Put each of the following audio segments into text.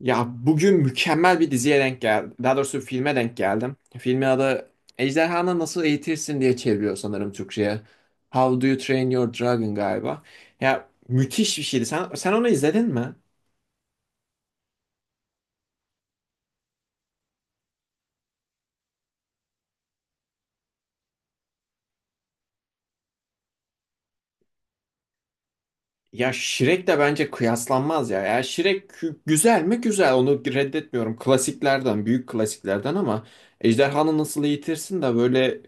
Ya bugün mükemmel bir diziye denk geldim. Daha doğrusu filme denk geldim. Filmin adı Ejderhanı Nasıl Eğitirsin diye çeviriyor sanırım Türkçe'ye. How Do You Train Your Dragon galiba. Ya müthiş bir şeydi. Sen onu izledin mi? Ya Shrek de bence kıyaslanmaz ya. Ya güzel mi? Güzel. Onu reddetmiyorum. Klasiklerden, büyük klasiklerden ama Ejderhanı Nasıl Eğitirsin de böyle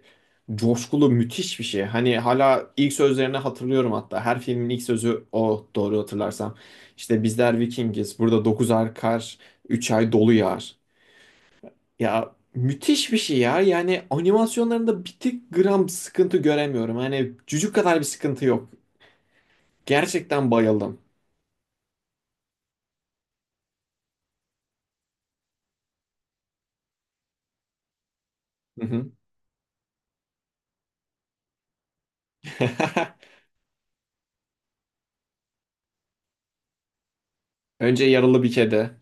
coşkulu müthiş bir şey. Hani hala ilk sözlerini hatırlıyorum hatta. Her filmin ilk sözü o, doğru hatırlarsam. İşte bizler Vikingiz. Burada 9 ay kar, 3 ay dolu yağar. Ya müthiş bir şey ya. Yani animasyonlarında bir tık gram sıkıntı göremiyorum. Hani cücük kadar bir sıkıntı yok. Gerçekten bayıldım. Hı hı. Önce Yaralı Bir Kedi.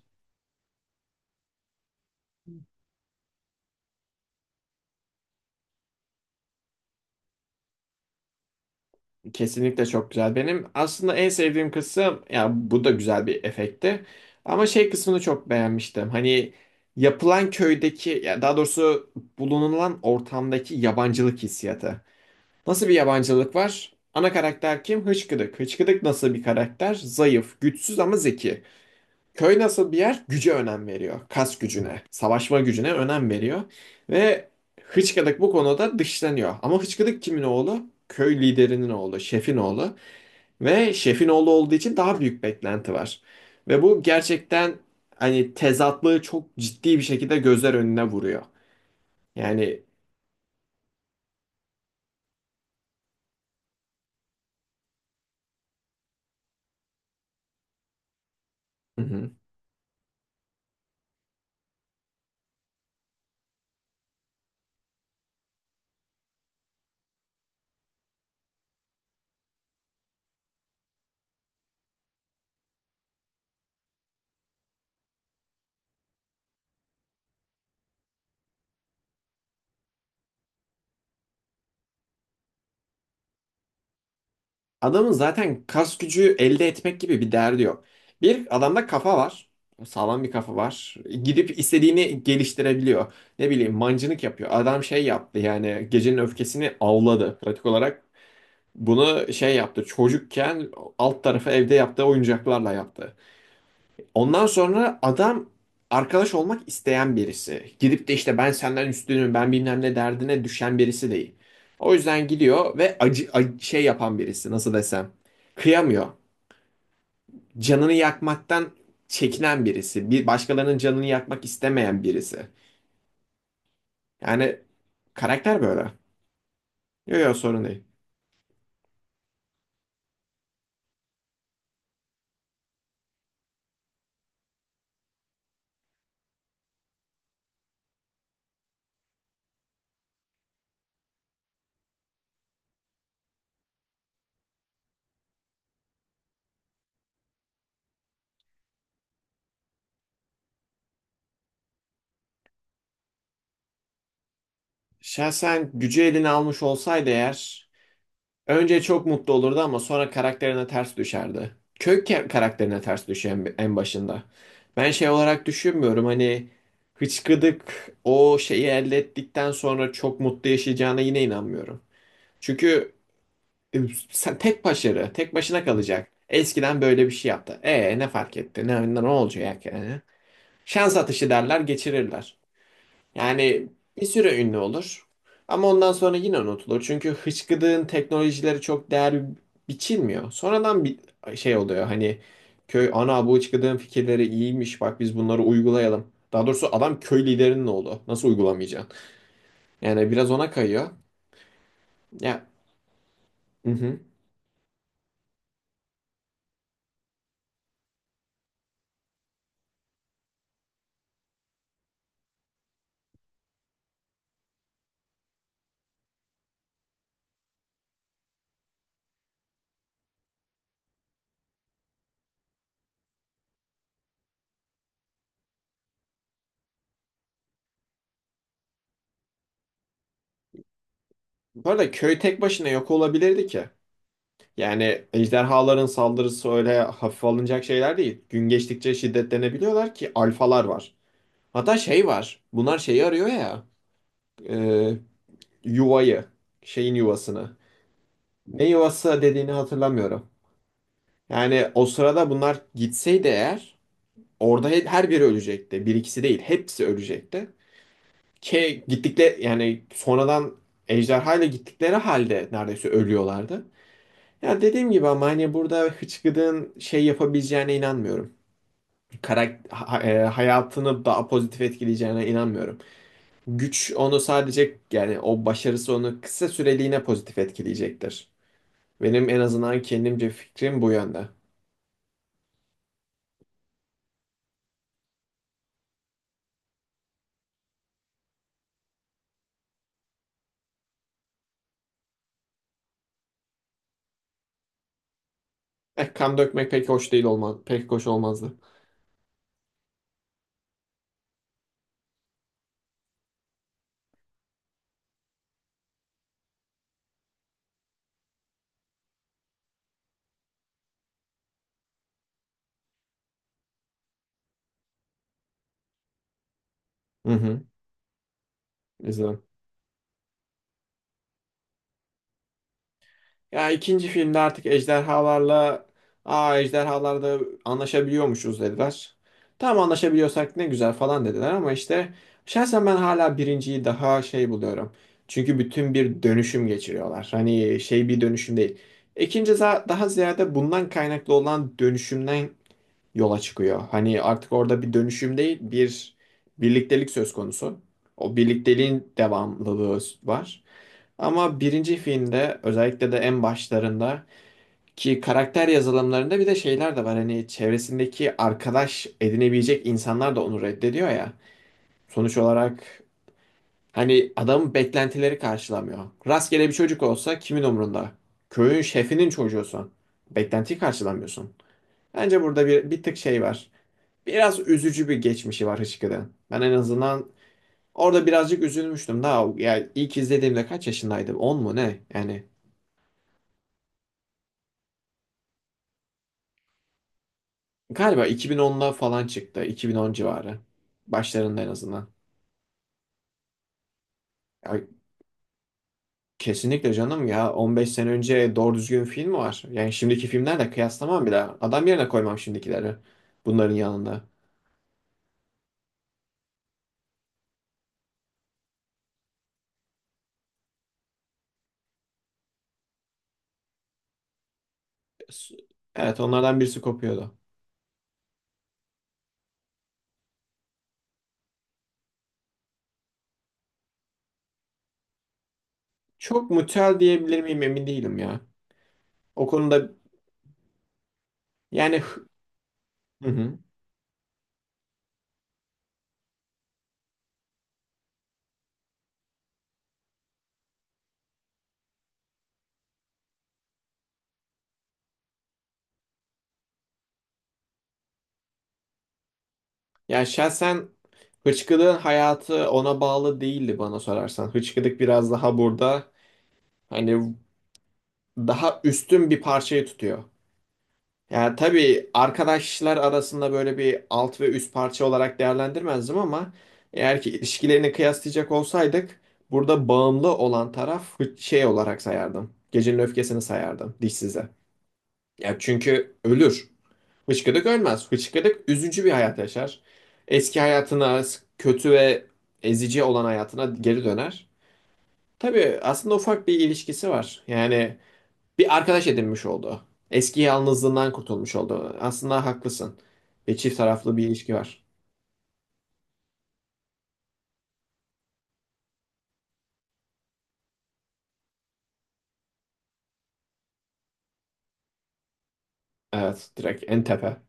Kesinlikle çok güzel. Benim aslında en sevdiğim kısım ya, bu da güzel bir efekti. Ama şey kısmını çok beğenmiştim. Hani yapılan köydeki, ya daha doğrusu bulunulan ortamdaki yabancılık hissiyatı. Nasıl bir yabancılık var? Ana karakter kim? Hıçkıdık. Hıçkıdık nasıl bir karakter? Zayıf, güçsüz ama zeki. Köy nasıl bir yer? Güce önem veriyor. Kas gücüne, savaşma gücüne önem veriyor. Ve Hıçkıdık bu konuda dışlanıyor. Ama Hıçkıdık kimin oğlu? Köy liderinin oğlu, şefin oğlu. Ve şefin oğlu olduğu için daha büyük beklenti var. Ve bu gerçekten hani tezatlığı çok ciddi bir şekilde gözler önüne vuruyor. Yani. Hı hı. Adamın zaten kas gücü elde etmek gibi bir derdi yok. Bir adamda kafa var. Sağlam bir kafa var. Gidip istediğini geliştirebiliyor. Ne bileyim, mancınık yapıyor. Adam şey yaptı, yani gecenin öfkesini avladı. Pratik olarak bunu şey yaptı. Çocukken alt tarafı evde yaptığı oyuncaklarla yaptı. Ondan sonra adam arkadaş olmak isteyen birisi. Gidip de işte ben senden üstünüm, ben bilmem ne derdine düşen birisi değil. O yüzden gidiyor ve şey yapan birisi, nasıl desem. Kıyamıyor. Canını yakmaktan çekinen birisi. Bir başkalarının canını yakmak istemeyen birisi. Yani karakter böyle. Yok yok, sorun değil. Şahsen gücü eline almış olsaydı eğer, önce çok mutlu olurdu ama sonra karakterine ters düşerdi. Karakterine ters düşüyor en başında. Ben şey olarak düşünmüyorum, hani hıçkıdık o şeyi elde ettikten sonra çok mutlu yaşayacağına yine inanmıyorum. Çünkü e, sen tek başına kalacak. Eskiden böyle bir şey yaptı. E ne fark etti? Ne olacak yani? Şans atışı derler, geçirirler. Yani bir süre ünlü olur. Ama ondan sonra yine unutulur. Çünkü hıçkıdığın teknolojileri çok değer biçilmiyor. Sonradan bir şey oluyor, hani köy ana, bu hıçkıdığın fikirleri iyiymiş, bak biz bunları uygulayalım. Daha doğrusu adam köy liderinin oğlu. Nasıl uygulamayacaksın? Yani biraz ona kayıyor. Ya, hı hı. Bu arada köy tek başına yok olabilirdi ki. Yani ejderhaların saldırısı öyle hafife alınacak şeyler değil. Gün geçtikçe şiddetlenebiliyorlar ki alfalar var. Hatta şey var. Bunlar şeyi arıyor ya. e, Yuvayı, şeyin yuvasını. Ne yuvası dediğini hatırlamıyorum. Yani o sırada bunlar gitseydi eğer, orada her biri ölecekti. Bir ikisi değil, hepsi ölecekti. Ki gittikleri, yani sonradan ejderhayla gittikleri halde neredeyse ölüyorlardı. Ya dediğim gibi, ama hani burada Hıçkıdık'ın şey yapabileceğine inanmıyorum. Hayatını daha pozitif etkileyeceğine inanmıyorum. Güç onu sadece, yani o başarısı onu kısa süreliğine pozitif etkileyecektir. Benim en azından kendimce fikrim bu yönde. Eh, kan dökmek pek hoş değil olmaz, pek hoş olmazdı. Hı hı. İzledim. Ya ikinci filmde artık ejderhalarla aa ejderhalarda anlaşabiliyormuşuz dediler. Tam anlaşabiliyorsak ne güzel falan dediler, ama işte şahsen ben hala birinciyi daha şey buluyorum. Çünkü bütün bir dönüşüm geçiriyorlar. Hani şey bir dönüşüm değil. Daha ziyade bundan kaynaklı olan dönüşümden yola çıkıyor. Hani artık orada bir dönüşüm değil, bir birliktelik söz konusu. O birlikteliğin devamlılığı var. Ama birinci filmde özellikle de en başlarında ki karakter yazılımlarında bir de şeyler de var. Hani çevresindeki arkadaş edinebilecek insanlar da onu reddediyor ya. Sonuç olarak hani adamın beklentileri karşılamıyor. Rastgele bir çocuk olsa kimin umrunda? Köyün şefinin çocuğusun. Beklentiyi karşılamıyorsun. Bence burada bir tık şey var. Biraz üzücü bir geçmişi var Hıçkırık'ın. Ben en azından orada birazcık üzülmüştüm. Daha yani ilk izlediğimde kaç yaşındaydım? 10 mu ne? Yani galiba 2010'da falan çıktı. 2010 civarı. Başlarında en azından. Ya, kesinlikle canım ya. 15 sene önce doğru düzgün film var. Yani şimdiki filmlerle kıyaslamam bile. Adam yerine koymam şimdikileri. Bunların yanında. S- Evet, onlardan birisi kopuyordu. Çok mutel diyebilir miyim emin değilim ya. O konuda, yani. Yani şahsen hıçkırığın hayatı ona bağlı değildi bana sorarsan. Hıçkırık biraz daha burada, hani daha üstün bir parçayı tutuyor. Yani tabii arkadaşlar arasında böyle bir alt ve üst parça olarak değerlendirmezdim ama eğer ki ilişkilerini kıyaslayacak olsaydık, burada bağımlı olan taraf şey olarak sayardım. Gecenin öfkesini sayardım dişsize. Ya çünkü ölür. Hıçkıdık ölmez. Hıçkıdık üzücü bir hayat yaşar. Eski hayatına, kötü ve ezici olan hayatına geri döner. Tabii aslında ufak bir ilişkisi var. Yani bir arkadaş edinmiş oldu. Eski yalnızlığından kurtulmuş oldu. Aslında haklısın. Ve çift taraflı bir ilişki var. Evet, direkt en tepe.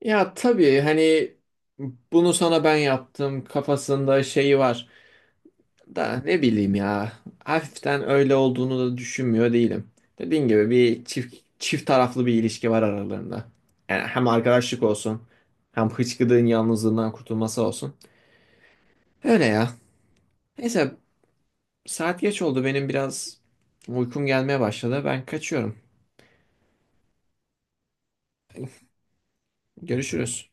Ya tabii hani bunu sana ben yaptım kafasında şeyi var. Da ne bileyim ya. Hafiften öyle olduğunu da düşünmüyor değilim. Dediğim gibi bir çift taraflı bir ilişki var aralarında. Yani hem arkadaşlık olsun, hem hıçkıdığın yalnızlığından kurtulması olsun. Öyle ya. Neyse, saat geç oldu, benim biraz uykum gelmeye başladı. Ben kaçıyorum. Görüşürüz.